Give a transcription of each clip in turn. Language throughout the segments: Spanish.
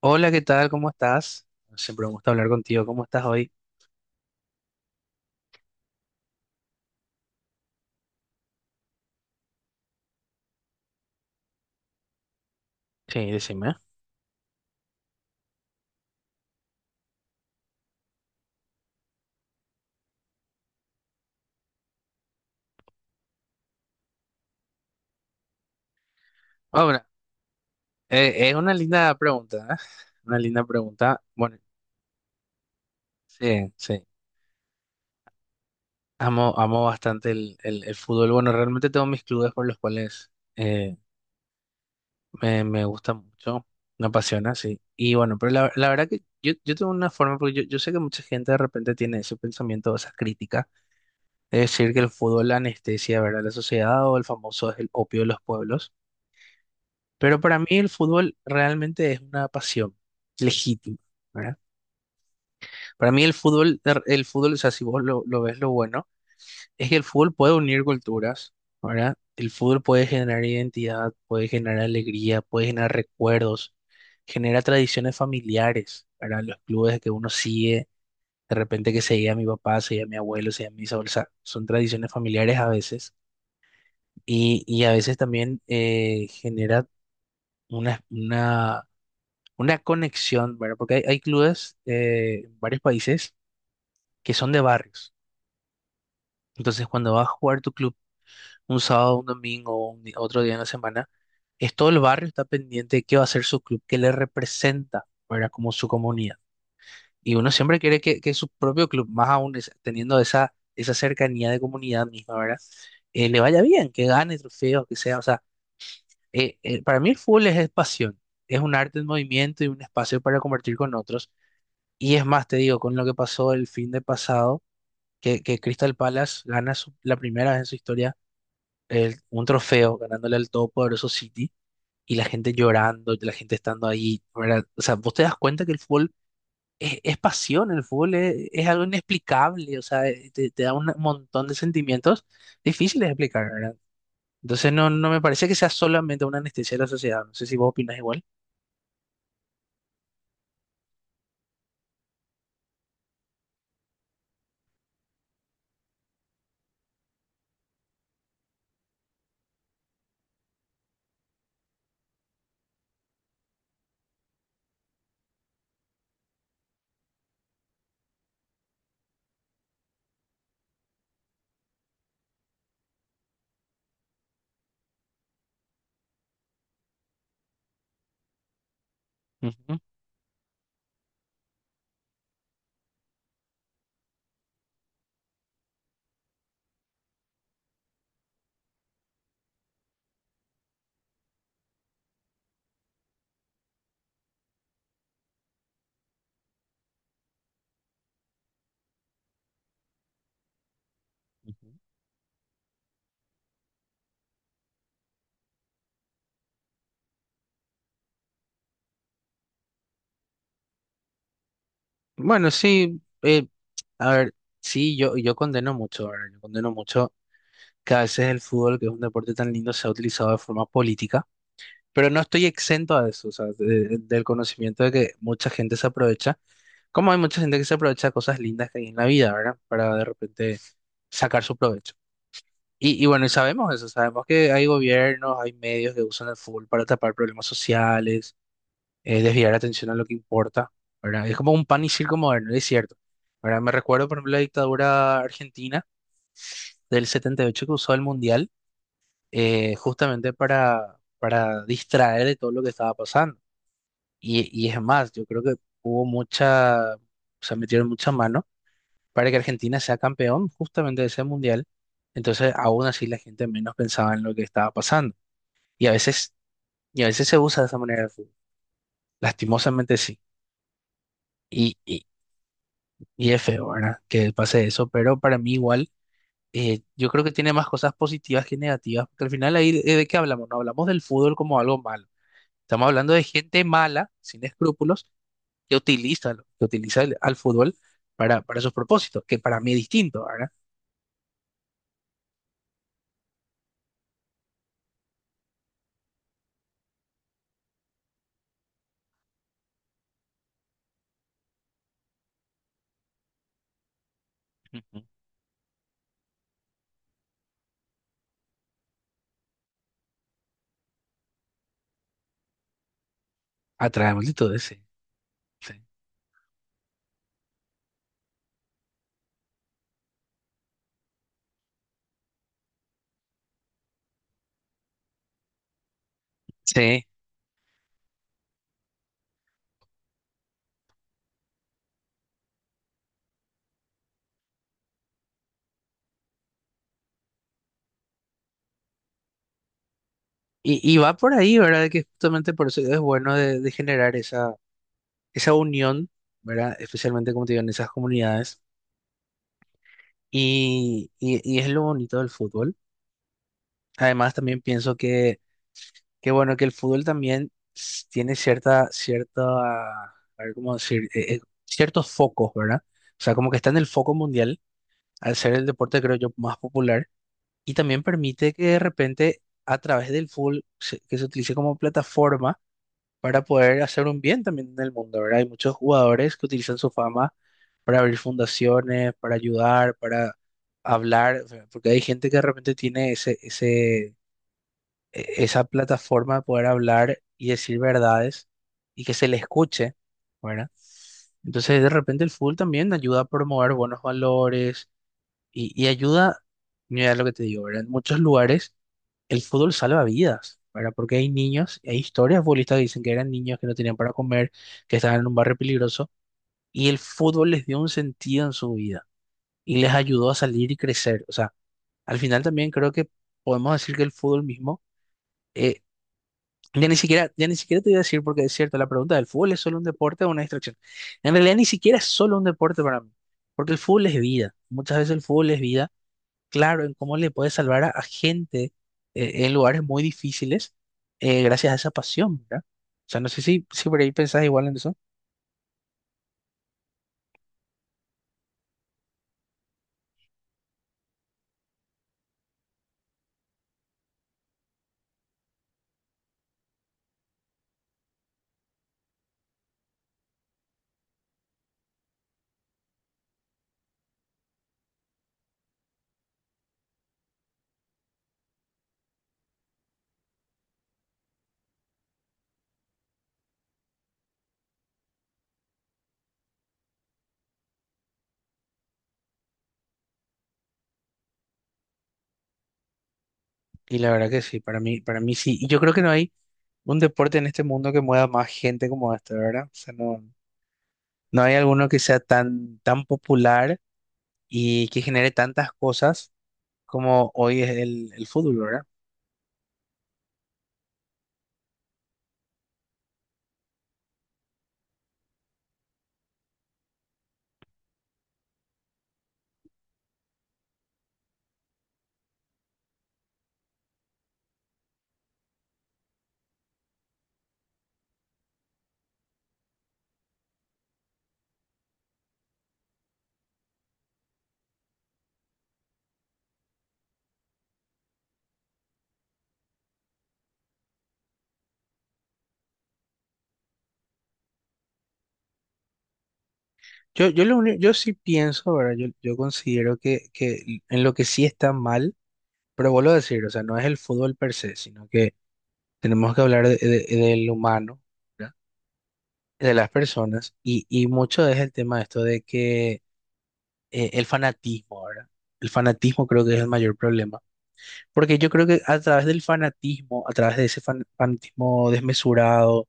Hola, ¿qué tal? ¿Cómo estás? Siempre me gusta hablar contigo. ¿Cómo estás hoy? Sí, decime. Ahora, es una linda pregunta, ¿eh? Una linda pregunta. Bueno, sí, sí. Amo, amo bastante el fútbol. Bueno, realmente tengo mis clubes por los cuales eh, me gusta mucho, me apasiona, sí. Y bueno, pero la verdad que yo tengo una forma, porque yo sé que mucha gente de repente tiene ese pensamiento, esa crítica de decir que el fútbol anestesia, ¿verdad? La sociedad o el famoso es el opio de los pueblos. Pero para mí el fútbol realmente es una pasión legítima, ¿verdad? Para mí el fútbol, o sea, si vos lo ves lo bueno, es que el fútbol puede unir culturas, ¿verdad? El fútbol puede generar identidad, puede generar alegría, puede generar recuerdos, genera tradiciones familiares, ¿verdad? Los clubes que uno sigue, de repente que seguía a mi papá, seguía a mi abuelo, seguía a mis abuelos, o sea, son tradiciones familiares a veces, y a veces también genera una, una una conexión, ¿verdad? Porque hay clubes en varios países que son de barrios. Entonces, cuando vas a jugar tu club un sábado, un domingo, otro día en la semana, es todo el barrio está pendiente de qué va a ser su club, qué le representa, ¿verdad? Como su comunidad. Y uno siempre quiere que su propio club, más aún teniendo esa cercanía de comunidad misma, ¿verdad? Le vaya bien, que gane trofeos, que sea. O sea, para mí el fútbol es pasión, es un arte en movimiento y un espacio para compartir con otros. Y es más, te digo, con lo que pasó el fin de pasado, que Crystal Palace gana la primera vez en su historia un trofeo, ganándole al todopoderoso City, y la gente llorando, y la gente estando ahí, ¿verdad? O sea, vos te das cuenta que el fútbol es pasión, el fútbol es algo inexplicable, o sea, te, te da un montón de sentimientos difíciles de explicar, ¿verdad? Entonces no, no me parece que sea solamente una anestesia de la sociedad, no sé si vos opinás igual. Ujú, ujú. Bueno, sí, a ver, sí, yo condeno mucho, ¿verdad? Yo condeno mucho que a veces el fútbol, que es un deporte tan lindo, se ha utilizado de forma política, pero no estoy exento a eso, o sea, del conocimiento de que mucha gente se aprovecha, como hay mucha gente que se aprovecha de cosas lindas que hay en la vida, ¿verdad? Para de repente sacar su provecho. Y bueno, y sabemos eso, sabemos que hay gobiernos, hay medios que usan el fútbol para tapar problemas sociales desviar la atención a lo que importa, ¿verdad? Es como un pan y circo moderno, es cierto, ¿verdad? Me recuerdo, por ejemplo, la dictadura argentina del 78 que usó el Mundial justamente para distraer de todo lo que estaba pasando. Y es más, yo creo que hubo mucha, o sea, metieron mucha mano para que Argentina sea campeón justamente de ese Mundial. Entonces, aún así, la gente menos pensaba en lo que estaba pasando. Y a veces, y a veces se usa de esa manera el fútbol. Lastimosamente sí. Y, y es feo, ¿verdad? Que pase eso, pero para mí igual, yo creo que tiene más cosas positivas que negativas, porque al final ahí de qué hablamos, no hablamos del fútbol como algo malo, estamos hablando de gente mala, sin escrúpulos, que utiliza, que utiliza al fútbol para sus propósitos, que para mí es distinto, ¿verdad? Ujú. Atrae multitudes, sí. Sí. Sí. Y va por ahí, ¿verdad? Que justamente por eso es bueno de generar esa, esa unión, ¿verdad? Especialmente, como te digo, en esas comunidades. Y es lo bonito del fútbol. Además, también pienso que bueno, que el fútbol también tiene cierta, cierta, a ver cómo decir, ciertos focos, ¿verdad? O sea, como que está en el foco mundial, al ser el deporte, creo yo, más popular, y también permite que de repente, a través del fútbol, que se utilice como plataforma para poder hacer un bien también en el mundo, ¿verdad? Hay muchos jugadores que utilizan su fama para abrir fundaciones, para ayudar, para hablar, o sea, porque hay gente que de repente tiene esa plataforma de poder hablar y decir verdades y que se le escuche, ¿verdad? Entonces, de repente el fútbol también ayuda a promover buenos valores y ayuda, mira lo que te digo, ¿verdad? En muchos lugares el fútbol salva vidas, ¿verdad? Porque hay niños, hay historias de futbolistas que dicen que eran niños que no tenían para comer, que estaban en un barrio peligroso y el fútbol les dio un sentido en su vida y les ayudó a salir y crecer. O sea, al final también creo que podemos decir que el fútbol mismo eh, ya ni siquiera, ya ni siquiera te iba a decir porque es cierto, la pregunta del fútbol es solo un deporte o una distracción. En realidad ni siquiera es solo un deporte para mí, porque el fútbol es vida. Muchas veces el fútbol es vida, claro, en cómo le puede salvar a gente en lugares muy difíciles gracias a esa pasión, ¿verdad? O sea, no sé si, si por ahí pensás igual en eso. Y la verdad que sí, para mí sí. Y yo creo que no hay un deporte en este mundo que mueva más gente como este, ¿verdad? O sea, no, no hay alguno que sea tan, tan popular y que genere tantas cosas como hoy es el fútbol, ¿verdad? Lo único- yo sí pienso, ¿verdad? Yo considero que en lo que sí está mal, pero vuelvo a decir, o sea, no es el fútbol per se, sino que tenemos que hablar del humano, ¿verdad? De las personas, y mucho es el tema de esto de que el fanatismo, ¿verdad? El fanatismo creo que es el mayor problema, porque yo creo que a través del fanatismo, a través de ese fanatismo desmesurado,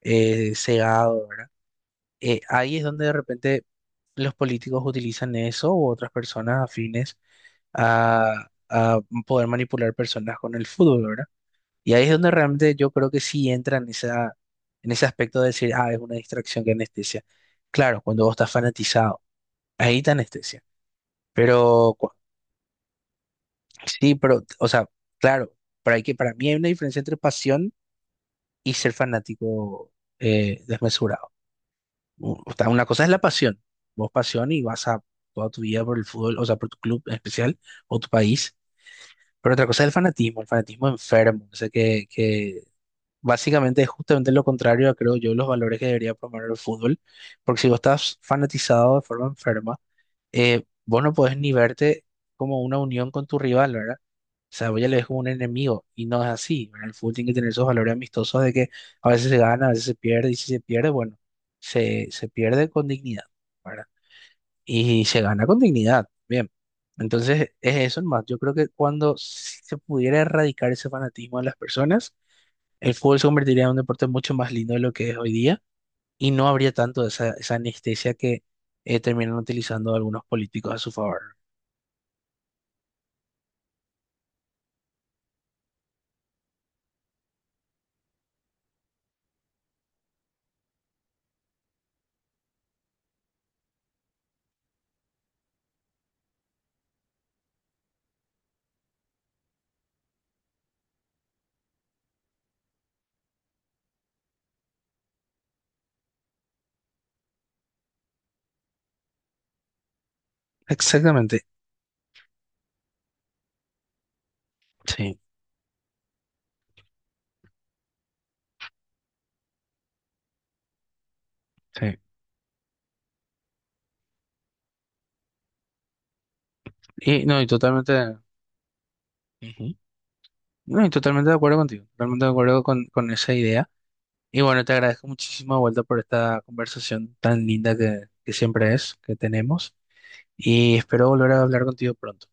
cegado, ¿verdad? Ahí es donde de repente los políticos utilizan eso u otras personas afines a poder manipular personas con el fútbol, ¿verdad? Y ahí es donde realmente yo creo que sí entra en esa, en ese aspecto de decir, ah, es una distracción que anestesia. Claro, cuando vos estás fanatizado, ahí te anestesia. Pero cu- sí, pero, o sea, claro, para, que, para mí hay una diferencia entre pasión y ser fanático desmesurado. O sea, una cosa es la pasión, vos pasión y vas a toda tu vida por el fútbol, o sea, por tu club en especial o tu país, pero otra cosa es el fanatismo enfermo, o sea, que básicamente es justamente lo contrario a, creo yo, los valores que debería promover el fútbol, porque si vos estás fanatizado de forma enferma, vos no podés ni verte como una unión con tu rival, ¿verdad? O sea, voy a leer como un enemigo y no es así. En el fútbol tiene que tener esos valores amistosos de que a veces se gana, a veces se pierde y si se pierde, bueno, se pierde con dignidad, ¿verdad? Y se gana con dignidad, bien. Entonces, es eso más. Yo creo que cuando si se pudiera erradicar ese fanatismo de las personas, el fútbol se convertiría en un deporte mucho más lindo de lo que es hoy día y no habría tanto esa, esa anestesia que terminan utilizando algunos políticos a su favor. Exactamente, sí, sí. Y no, y totalmente... ujú. No, y totalmente de acuerdo contigo, totalmente de acuerdo con esa idea. Y bueno, te agradezco muchísimo de vuelta por esta conversación tan linda que siempre es, que tenemos, y espero volver a hablar contigo pronto.